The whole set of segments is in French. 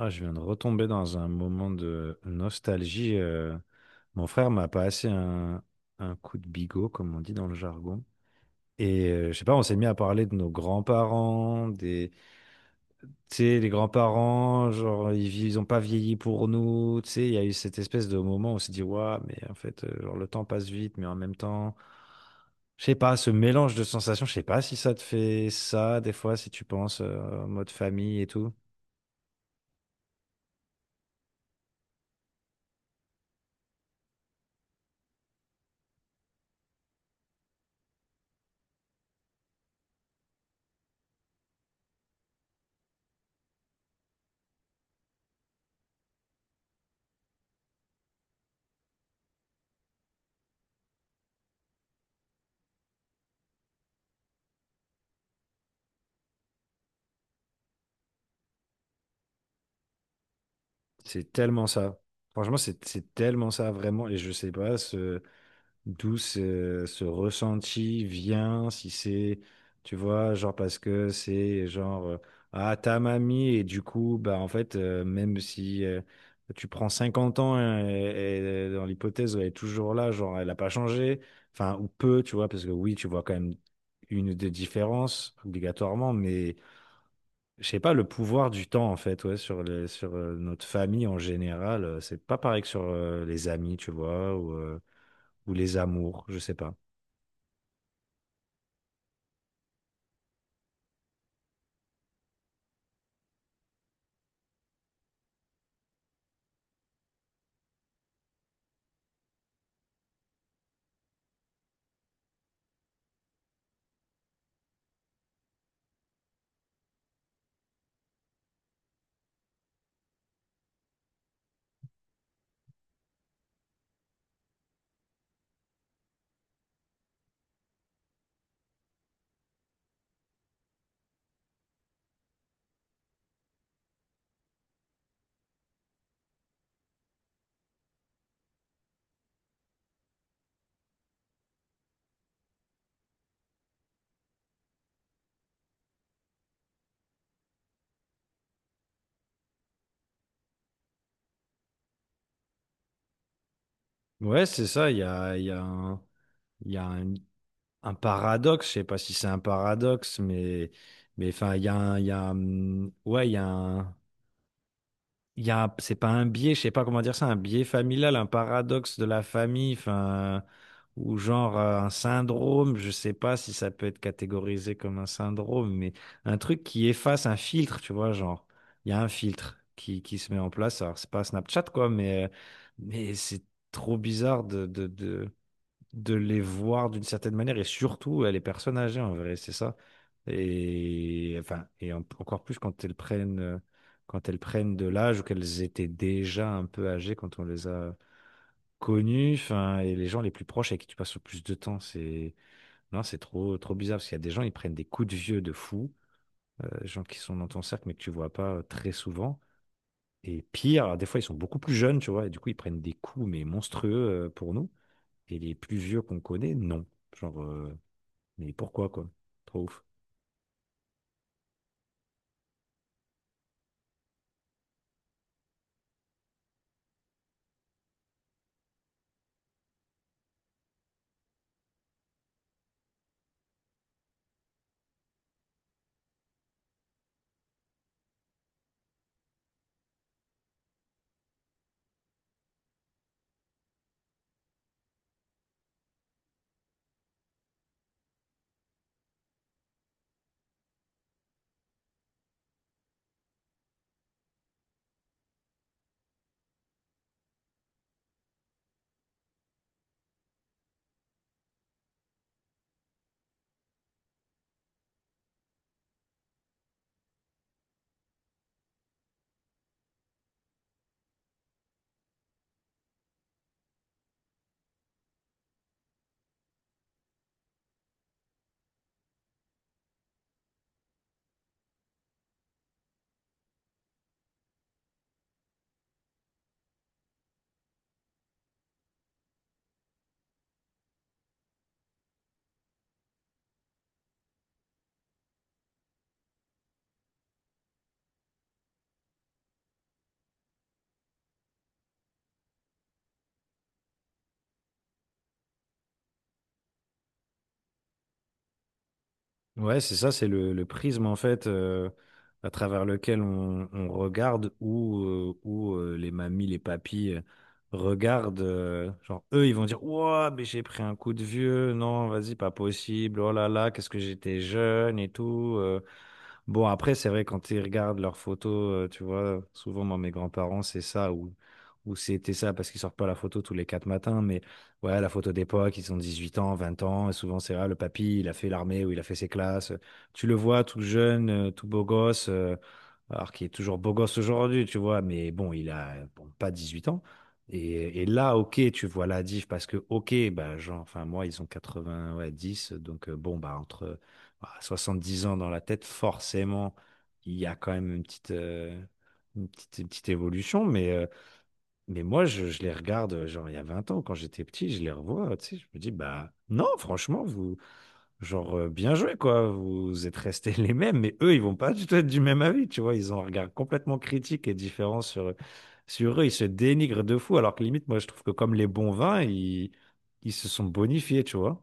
Ah, je viens de retomber dans un moment de nostalgie. Mon frère m'a passé un coup de bigot, comme on dit dans le jargon. Et je sais pas, on s'est mis à parler de nos grands-parents, tu sais, les grands-parents, genre, ils ont pas vieilli pour nous, tu sais, il y a eu cette espèce de moment où on s'est dit, waouh, mais en fait, genre, le temps passe vite, mais en même temps, je sais pas, ce mélange de sensations, je sais pas si ça te fait ça, des fois, si tu penses en mode famille et tout. C'est tellement ça. Franchement, c'est tellement ça, vraiment. Et je sais pas d'où ce ressenti vient, si c'est, tu vois, genre parce que c'est genre, ah, ta mamie, et du coup, bah, en fait, même si tu prends 50 ans, hein, et dans l'hypothèse, où elle est toujours là, genre, elle n'a pas changé, enfin, ou peu, tu vois, parce que oui, tu vois quand même une ou deux différences, obligatoirement, mais. Je sais pas, le pouvoir du temps, en fait, ouais, sur notre famille en général, c'est pas pareil que sur les amis, tu vois, ou les amours, je sais pas. Ouais, c'est ça, il y a un, il y a un paradoxe, je sais pas si c'est un paradoxe, mais enfin, il y a un, il y a un- ouais, il y a un, il y a, un- c'est pas un biais, je sais pas comment dire ça, un biais familial, un paradoxe de la famille, enfin, ou genre un syndrome, je sais pas si ça peut être catégorisé comme un syndrome, mais un truc qui efface un filtre, tu vois, genre, il y a un filtre qui se met en place. Alors, c'est pas Snapchat, quoi, mais c'est trop bizarre de les voir d'une certaine manière et surtout les personnes âgées en vrai, c'est ça. Et enfin, encore plus quand elles prennent de l'âge ou qu'elles étaient déjà un peu âgées quand on les a connues, enfin, et les gens les plus proches avec qui tu passes le plus de temps, c'est non, c'est trop bizarre parce qu'il y a des gens ils prennent des coups de vieux de fou, gens qui sont dans ton cercle mais que tu vois pas très souvent. Et pire, des fois ils sont beaucoup plus jeunes, tu vois, et du coup ils prennent des coups mais monstrueux pour nous. Et les plus vieux qu'on connaît, non. Genre, mais pourquoi, quoi? Trop ouf. Ouais, c'est ça, c'est le prisme, en fait, à travers lequel on regarde où, les mamies, les papis regardent. Genre, eux, ils vont dire, ouah, mais j'ai pris un coup de vieux. Non, vas-y, pas possible. Oh là là, qu'est-ce que j'étais jeune et tout. Bon, après, c'est vrai, quand ils regardent leurs photos, tu vois, souvent, moi, mes grands-parents, c'est ça, ou c'était ça, parce qu'ils sortent pas la photo tous les quatre matins, mais ouais, la photo d'époque, ils ont 18 ans, 20 ans, et souvent, c'est là, le papy, il a fait l'armée ou il a fait ses classes. Tu le vois tout jeune, tout beau gosse, alors qu'il est toujours beau gosse aujourd'hui, tu vois, mais bon, il a, bon, pas 18 ans. Et là, ok, tu vois la diff, parce que, ok, bah, genre, enfin, moi, ils ont quatre-vingt ouais dix donc, bon, bah, entre. Ah, 70 ans dans la tête, forcément, il y a quand même une petite, une petite évolution. Mais moi, je les regarde, genre, il y a 20 ans, quand j'étais petit, je les revois, tu sais, je me dis, bah, non, franchement, vous, genre, bien joué, quoi. Vous êtes restés les mêmes, mais eux, ils vont pas du tout être du même avis, tu vois. Ils ont un regard complètement critique et différent sur eux. Ils se dénigrent de fou, alors que limite, moi, je trouve que comme les bons vins, ils se sont bonifiés, tu vois.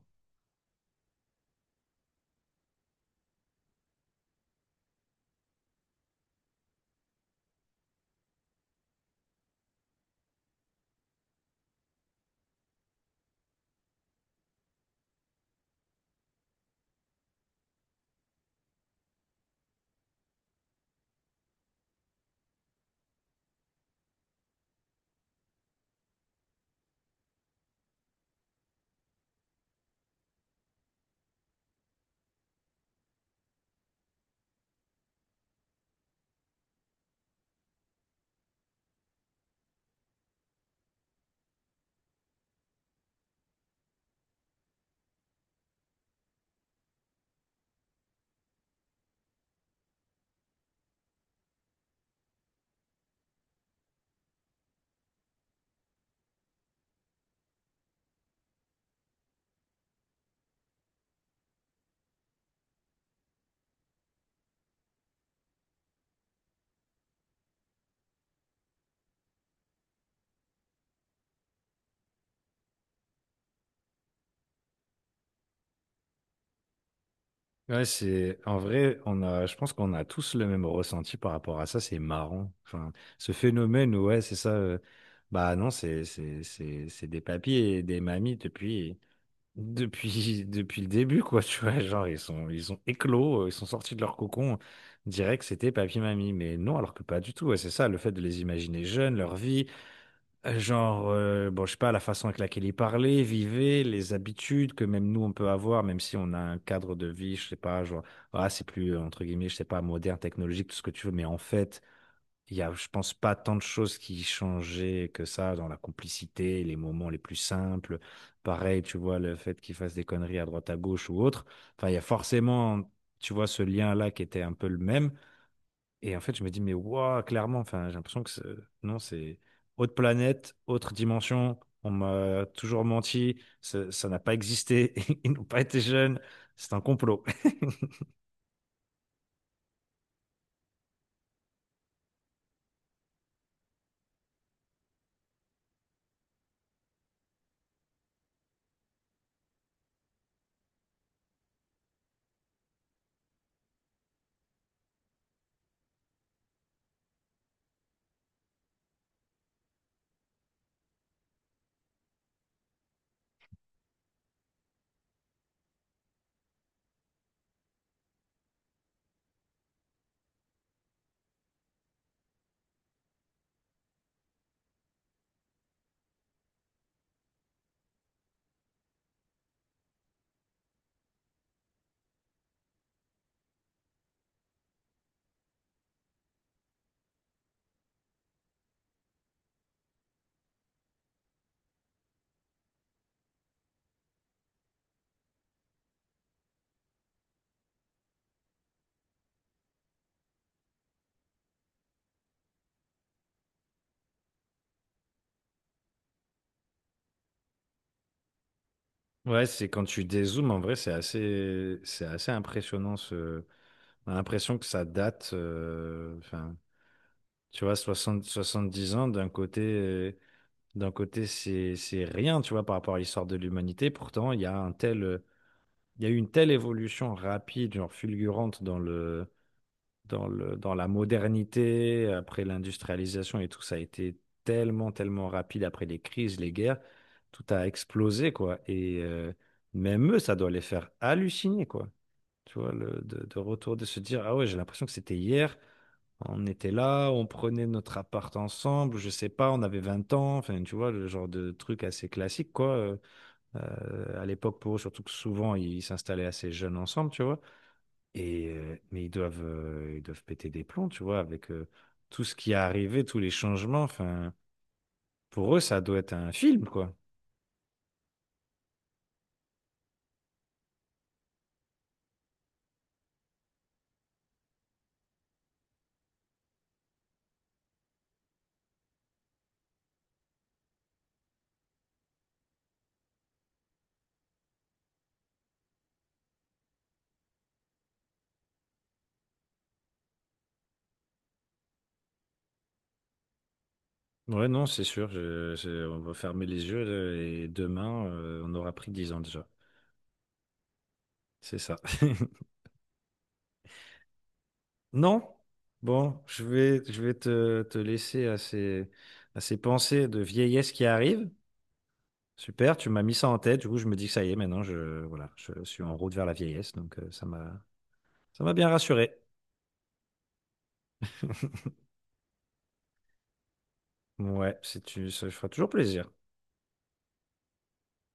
Ouais, c'est en vrai, on a, je pense qu'on a tous le même ressenti par rapport à ça. C'est marrant, enfin, ce phénomène où ouais, c'est ça. Bah non, c'est des papis et des mamies depuis depuis le début quoi. Tu vois, genre ils ont éclos, ils sont sortis de leur cocon. On dirait que c'était papy mamie, mais non, alors que pas du tout. Ouais, c'est ça, le fait de les imaginer jeunes, leur vie. Genre, bon, je sais pas, la façon avec laquelle il parlait, vivait, les habitudes que même nous on peut avoir, même si on a un cadre de vie, je sais pas, genre, ah, c'est plus, entre guillemets, je sais pas, moderne, technologique, tout ce que tu veux, mais en fait, je pense pas tant de choses qui changeaient que ça dans la complicité, les moments les plus simples. Pareil, tu vois, le fait qu'il fasse des conneries à droite, à gauche ou autre. Enfin, il y a forcément, tu vois, ce lien-là qui était un peu le même. Et en fait, je me dis, mais waouh, clairement, enfin, j'ai l'impression que non, c'est autre planète, autre dimension. On m'a toujours menti, ça n'a pas existé, ils n'ont pas été jeunes, c'est un complot. Ouais, c'est quand tu dézoomes, en vrai, c'est assez impressionnant. Ce... On a l'impression que ça date, enfin, tu vois, soixante, 70 ans, d'un côté, c'est rien, tu vois, par rapport à l'histoire de l'humanité. Pourtant, il y a eu une telle évolution rapide, genre fulgurante dans la modernité, après l'industrialisation et tout, ça a été tellement rapide après les crises, les guerres, tout a explosé, quoi. Et même eux, ça doit les faire halluciner, quoi. Tu vois, de retour, de se dire, ah ouais, j'ai l'impression que c'était hier, on était là, on prenait notre appart ensemble, je sais pas, on avait 20 ans, enfin, tu vois, le genre de truc assez classique, quoi. À l'époque pour eux, surtout que souvent ils s'installaient assez jeunes ensemble, tu vois. Et mais ils doivent péter des plombs, tu vois, avec tout ce qui est arrivé, tous les changements. Enfin, pour eux, ça doit être un film, quoi. Ouais, non, c'est sûr. On va fermer les yeux et demain, on aura pris 10 ans déjà. C'est ça. Non? Bon, je vais te laisser à à ces pensées de vieillesse qui arrivent. Super, tu m'as mis ça en tête. Du coup, je me dis que ça y est, maintenant, voilà, je suis en route vers la vieillesse. Donc, ça m'a bien rassuré. Ouais, c'est, ça fera toujours plaisir.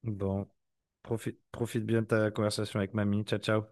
Bon, profite bien de ta conversation avec mamie. Ciao, ciao.